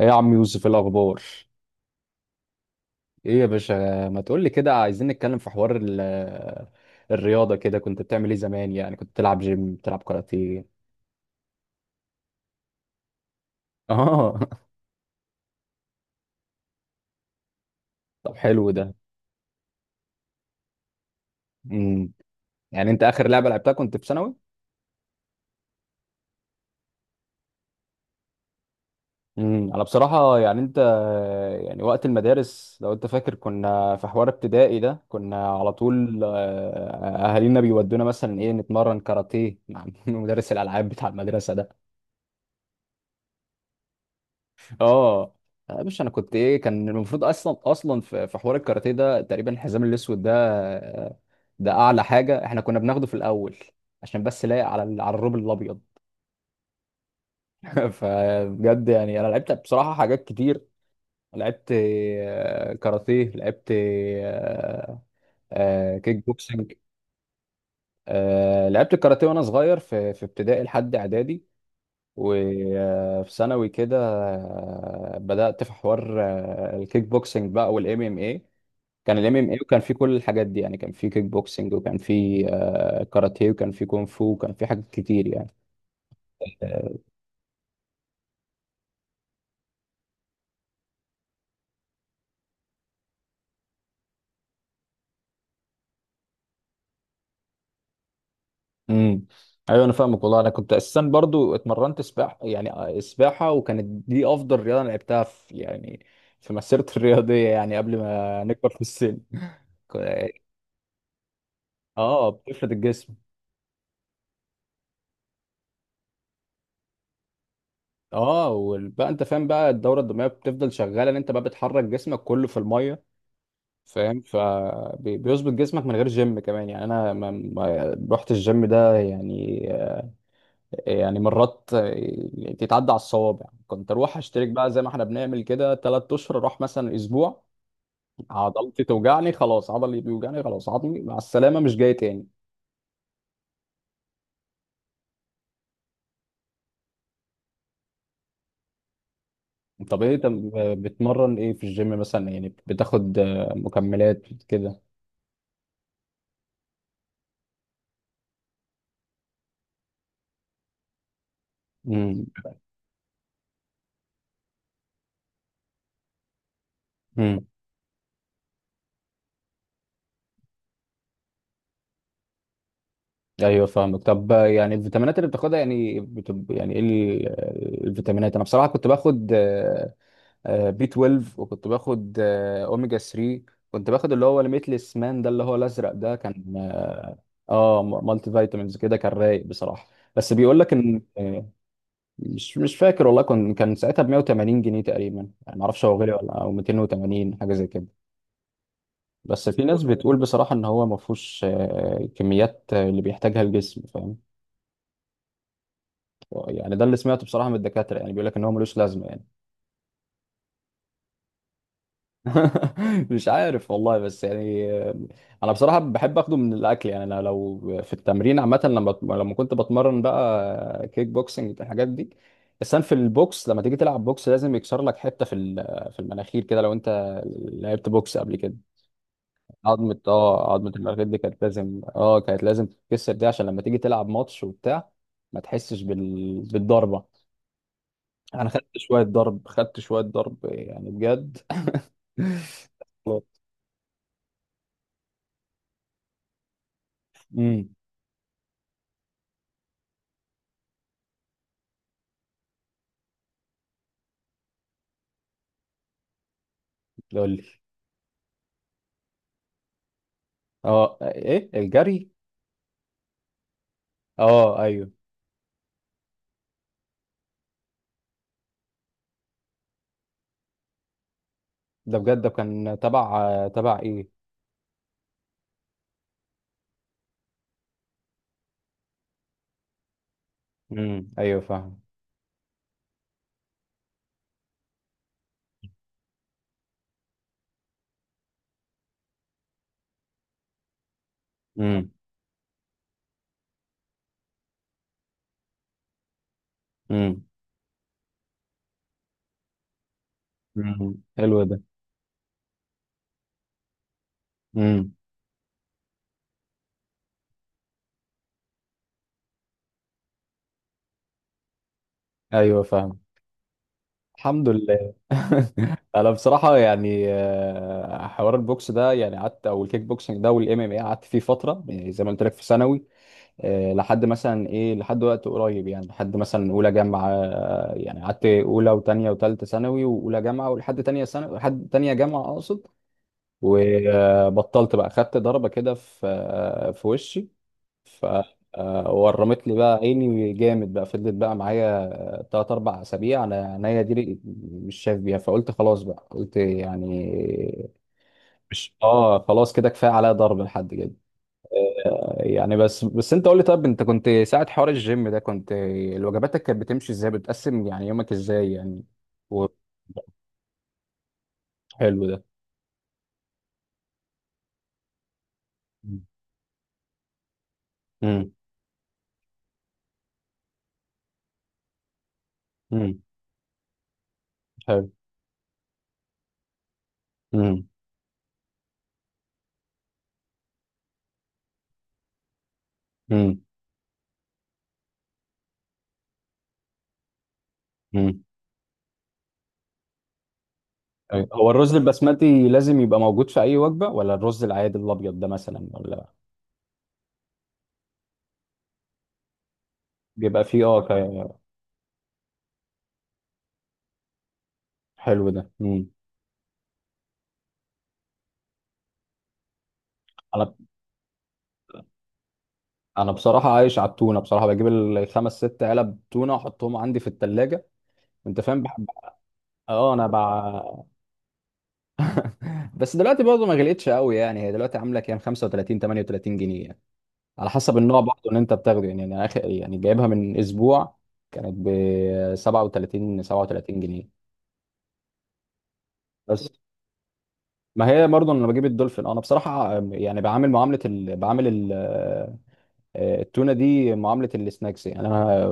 ايه يا عم يوسف، إيه الاخبار؟ ايه يا باشا؟ ما تقول لي كده، عايزين نتكلم في حوار الرياضه. كده كنت بتعمل ايه زمان؟ يعني كنت بتلعب جيم، بتلعب كاراتيه؟ اه. طب حلو ده. امم. يعني انت اخر لعبه لعبتها كنت في ثانوي؟ امم، انا بصراحه يعني انت، يعني وقت المدارس لو انت فاكر كنا في حوار ابتدائي ده، كنا على طول اهالينا بيودونا مثلا ايه، نتمرن كاراتيه مع مدرس الالعاب بتاع المدرسه ده. اه، مش انا كنت ايه، كان المفروض اصلا في حوار الكاراتيه ده تقريبا الحزام الاسود ده، آه، ده اعلى حاجه احنا كنا بناخده في الاول، عشان بس لايق على على الروب الابيض. فبجد يعني انا لعبت بصراحه حاجات كتير. لعبت كاراتيه، لعبت كيك بوكسنج. لعبت الكاراتيه وانا صغير في ابتدائي لحد اعدادي، وفي ثانوي كده بدأت في حوار الكيك بوكسنج بقى والام ام اي. كان الام ام اي، وكان في كل الحاجات دي يعني، كان في كيك بوكسنج، وكان في كاراتيه، وكان في كونغ فو، وكان في حاجات كتير يعني. امم، ايوه انا فاهمك والله. انا كنت اساسا برضو اتمرنت سباحه، يعني سباحه، وكانت دي افضل رياضه انا لعبتها في، يعني في مسيرتي الرياضيه يعني قبل ما نكبر في السن. ك- اه، بتفرد الجسم. اه، وبقى انت فاهم بقى الدوره الدمويه بتفضل شغاله، ان انت بقى بتحرك جسمك كله في الميه فاهم، فبيظبط جسمك من غير جيم كمان يعني. انا ما رحت الجيم ده يعني، يعني مرات تتعدى على الصوابع. كنت اروح اشترك بقى زي ما احنا بنعمل كده ثلاث اشهر، اروح مثلا اسبوع، عضلتي توجعني خلاص، عضلي بيوجعني خلاص، عضلي مع السلامه مش جاي تاني. طب ايه؟ طب بتمرن ايه في الجيم مثلا؟ يعني بتاخد مكملات كده؟ امم. امم. ايوه فاهمك. طب يعني الفيتامينات اللي بتاخدها يعني يعني ايه الفيتامينات؟ انا بصراحه كنت باخد بي 12، وكنت باخد اوميجا 3. كنت باخد اللي هو الميتلس مان ده، اللي هو الازرق ده كان. اه، مالتي فيتامينز كده كان رايق بصراحه، بس بيقول لك ان مش فاكر والله. كان ساعتها ب 180 جنيه تقريبا يعني، ما اعرفش هو غالي ولا، او 280 حاجه زي كده. بس في ناس بتقول بصراحه ان هو ما فيهوش كميات اللي بيحتاجها الجسم يعني. ده اللي سمعته بصراحة من الدكاترة، يعني بيقول لك ان هو ملوش لازمة يعني. مش عارف والله، بس يعني انا بصراحة بحب اخده من الاكل يعني. انا لو في التمرين عامة لما لما كنت بتمرن بقى كيك بوكسنج الحاجات دي، السن في البوكس لما تيجي تلعب بوكس لازم يكسر لك حتة في في المناخير كده. لو انت لعبت بوكس قبل كده، عظمة، اه، عظمة المناخير دي كانت لازم، اه، كانت لازم تتكسر دي، عشان لما تيجي تلعب ماتش وبتاع ما تحسش بالضربة. انا خدت شويه ضرب، خدت شويه ضرب يعني بجد. امم. قول لي. اه، ايه الجري؟ اه، ايوه. ده بجد ده، كان تبع ايه؟ امم، ايوه فاهم. امم. امم. امم، حلو ده. امم، ايوه فاهم. الحمد لله. انا بصراحه يعني حوار البوكس ده يعني قعدت، او الكيك بوكسنج ده والام ام اي قعدت فيه فتره، يعني زي ما قلت لك في ثانوي. لحد مثلا ايه، لحد وقت قريب يعني، لحد مثلا اولى جامعه، يعني قعدت اولى وتانية وتالتة ثانوي واولى جامعه، ولحد تانية ثانوي، لحد تانية جامعه اقصد. وبطلت بقى، خدت ضربه كده في، في وشي. ف، ورمت لي بقى عيني جامد، بقى فضلت بقى معايا تلات أربع أسابيع، أنا عينيا دي مش شايف بيها، فقلت خلاص بقى، قلت يعني مش، آه، خلاص كده، كفاية عليا ضرب لحد كده. يعني بس، بس انت قول لي، طب انت كنت ساعة حوار الجيم ده، كنت وجباتك كانت بتمشي ازاي؟ بتقسم يعني يومك ازاي يعني؟ و... حلو ده. امم. امم. حلو. امم. امم. امم. أيوة. هو الرز البسمتي لازم يبقى موجود في اي وجبة، ولا الرز العادي الابيض ده مثلا، ولا بيبقى فيه اه حلو ده. امم. انا، انا بصراحة عايش على التونة بصراحة، بجيب الخمس ست علب تونة احطهم عندي في التلاجة، انت فاهم، بحب. اه، انا بس دلوقتي برضه ما غلقتش قوي يعني، هي دلوقتي عامله كام، 35، 38 جنيه يعني، على حسب النوع برضه اللي انت بتاخده يعني. انا اخر يعني جايبها من اسبوع، كانت ب 37 جنيه. بس ما هي برضه انا بجيب الدولفين. انا بصراحه يعني بعامل معامله بعامل التونه دي معامله السناكس يعني. انا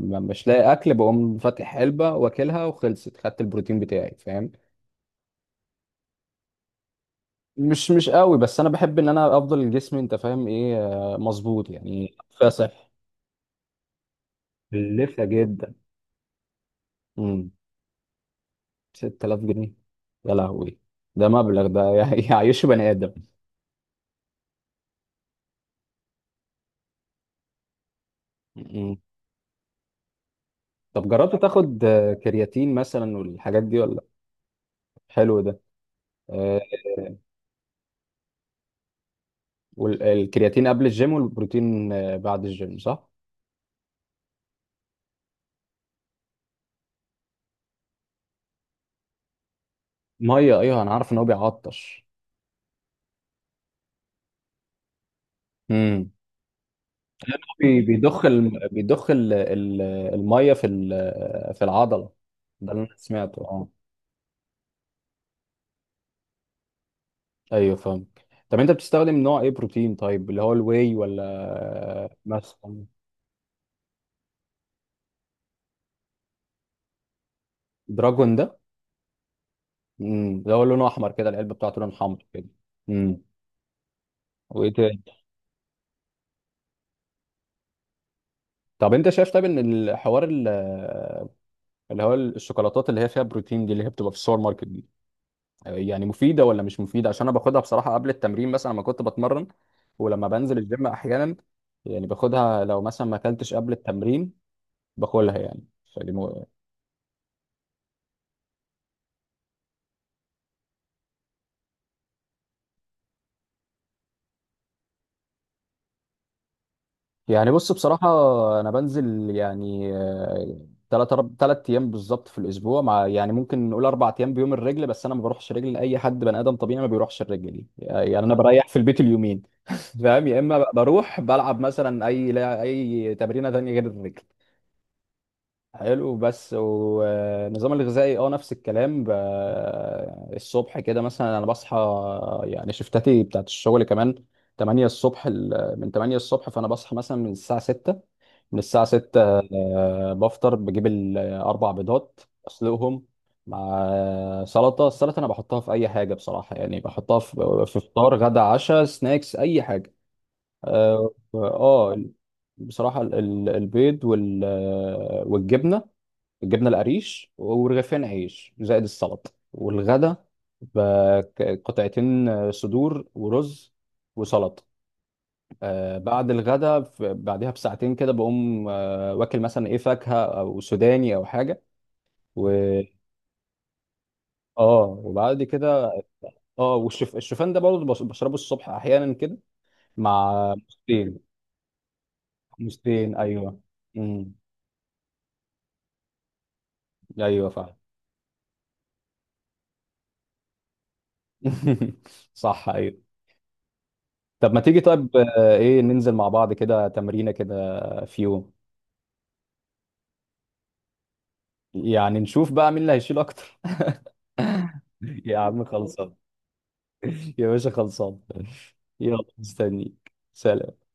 مش لاقي اكل، بقوم فاتح علبه واكلها وخلصت، خدت البروتين بتاعي فاهم. مش قوي، بس انا بحب ان انا افضل جسمي، انت فاهم ايه، مظبوط يعني، فاصح. لفة جدا. امم. 6,000 جنيه! يا لهوي! ده مبلغ ده يعيش بني آدم. امم. طب جربت تاخد كرياتين مثلا والحاجات دي ولا؟ حلو ده. آه، والكرياتين قبل الجيم والبروتين بعد الجيم صح؟ ميه، ايوه انا عارف ان هو بيعطش. امم. بيضخ بيضخ الميه في في العضله. ده اللي انا سمعته اه. ايوه فاهم. طب انت بتستخدم نوع ايه بروتين طيب؟ اللي هو الواي، ولا مثلا دراجون ده؟ امم. ده هو لونه احمر كده، العلبه بتاعته لون حمر كده. امم. وايه تاني؟ طب انت شايف طيب ان الحوار اللي هو الشوكولاتات اللي هي فيها بروتين دي، اللي هي بتبقى في السوبر ماركت دي، يعني مفيده ولا مش مفيده؟ عشان انا باخدها بصراحه قبل التمرين مثلا لما كنت بتمرن، ولما بنزل الجيم احيانا يعني، باخدها لو مثلا ما اكلتش قبل التمرين، باكلها يعني. يعني بص بصراحة، أنا بنزل يعني ثلاث ثلاث أيام بالظبط في الأسبوع، مع يعني ممكن نقول أربع أيام بيوم الرجل. بس أنا ما بروحش رجل، لأي حد بني آدم طبيعي ما بيروحش الرجل دي يعني. أنا اه بريح في البيت اليومين. فاهم، يا إما بروح بلعب مثلا أي، لا، أي تمرينة تانية غير الرجل. حلو. بس والنظام الغذائي أه نفس الكلام. الصبح كده مثلا أنا بصحى، يعني شفتاتي بتاعت الشغل كمان 8 الصبح. من 8 الصبح، فأنا بصحى مثلا من الساعة 6، من الساعة 6 بفطر، بجيب الأربع بيضات، أسلقهم مع سلطة. السلطة أنا بحطها في أي حاجة بصراحة، يعني بحطها في في فطار، غدا، عشاء، سناكس، أي حاجة. آه آه، بصراحة البيض والجبنة، الجبنة القريش ورغيفين عيش زائد السلطة. والغدا بقطعتين صدور ورز وسلطة. بعد الغداء، بعدها بساعتين كده بقوم واكل مثلا ايه، فاكهة او سوداني او حاجة. و اه وبعد كده اه، الشوفان ده برضه بشربه الصبح احيانا كده، مع موزتين. موزتين، ايوه. امم، ايوه فعلا. صح ايوه. طب ما تيجي طيب ايه، ننزل مع بعض كده تمرينة كده في يوم، يعني نشوف بقى مين اللي هيشيل اكتر. يا عم خلصان. يا باشا خلصان. يلا مستنيك، سلام.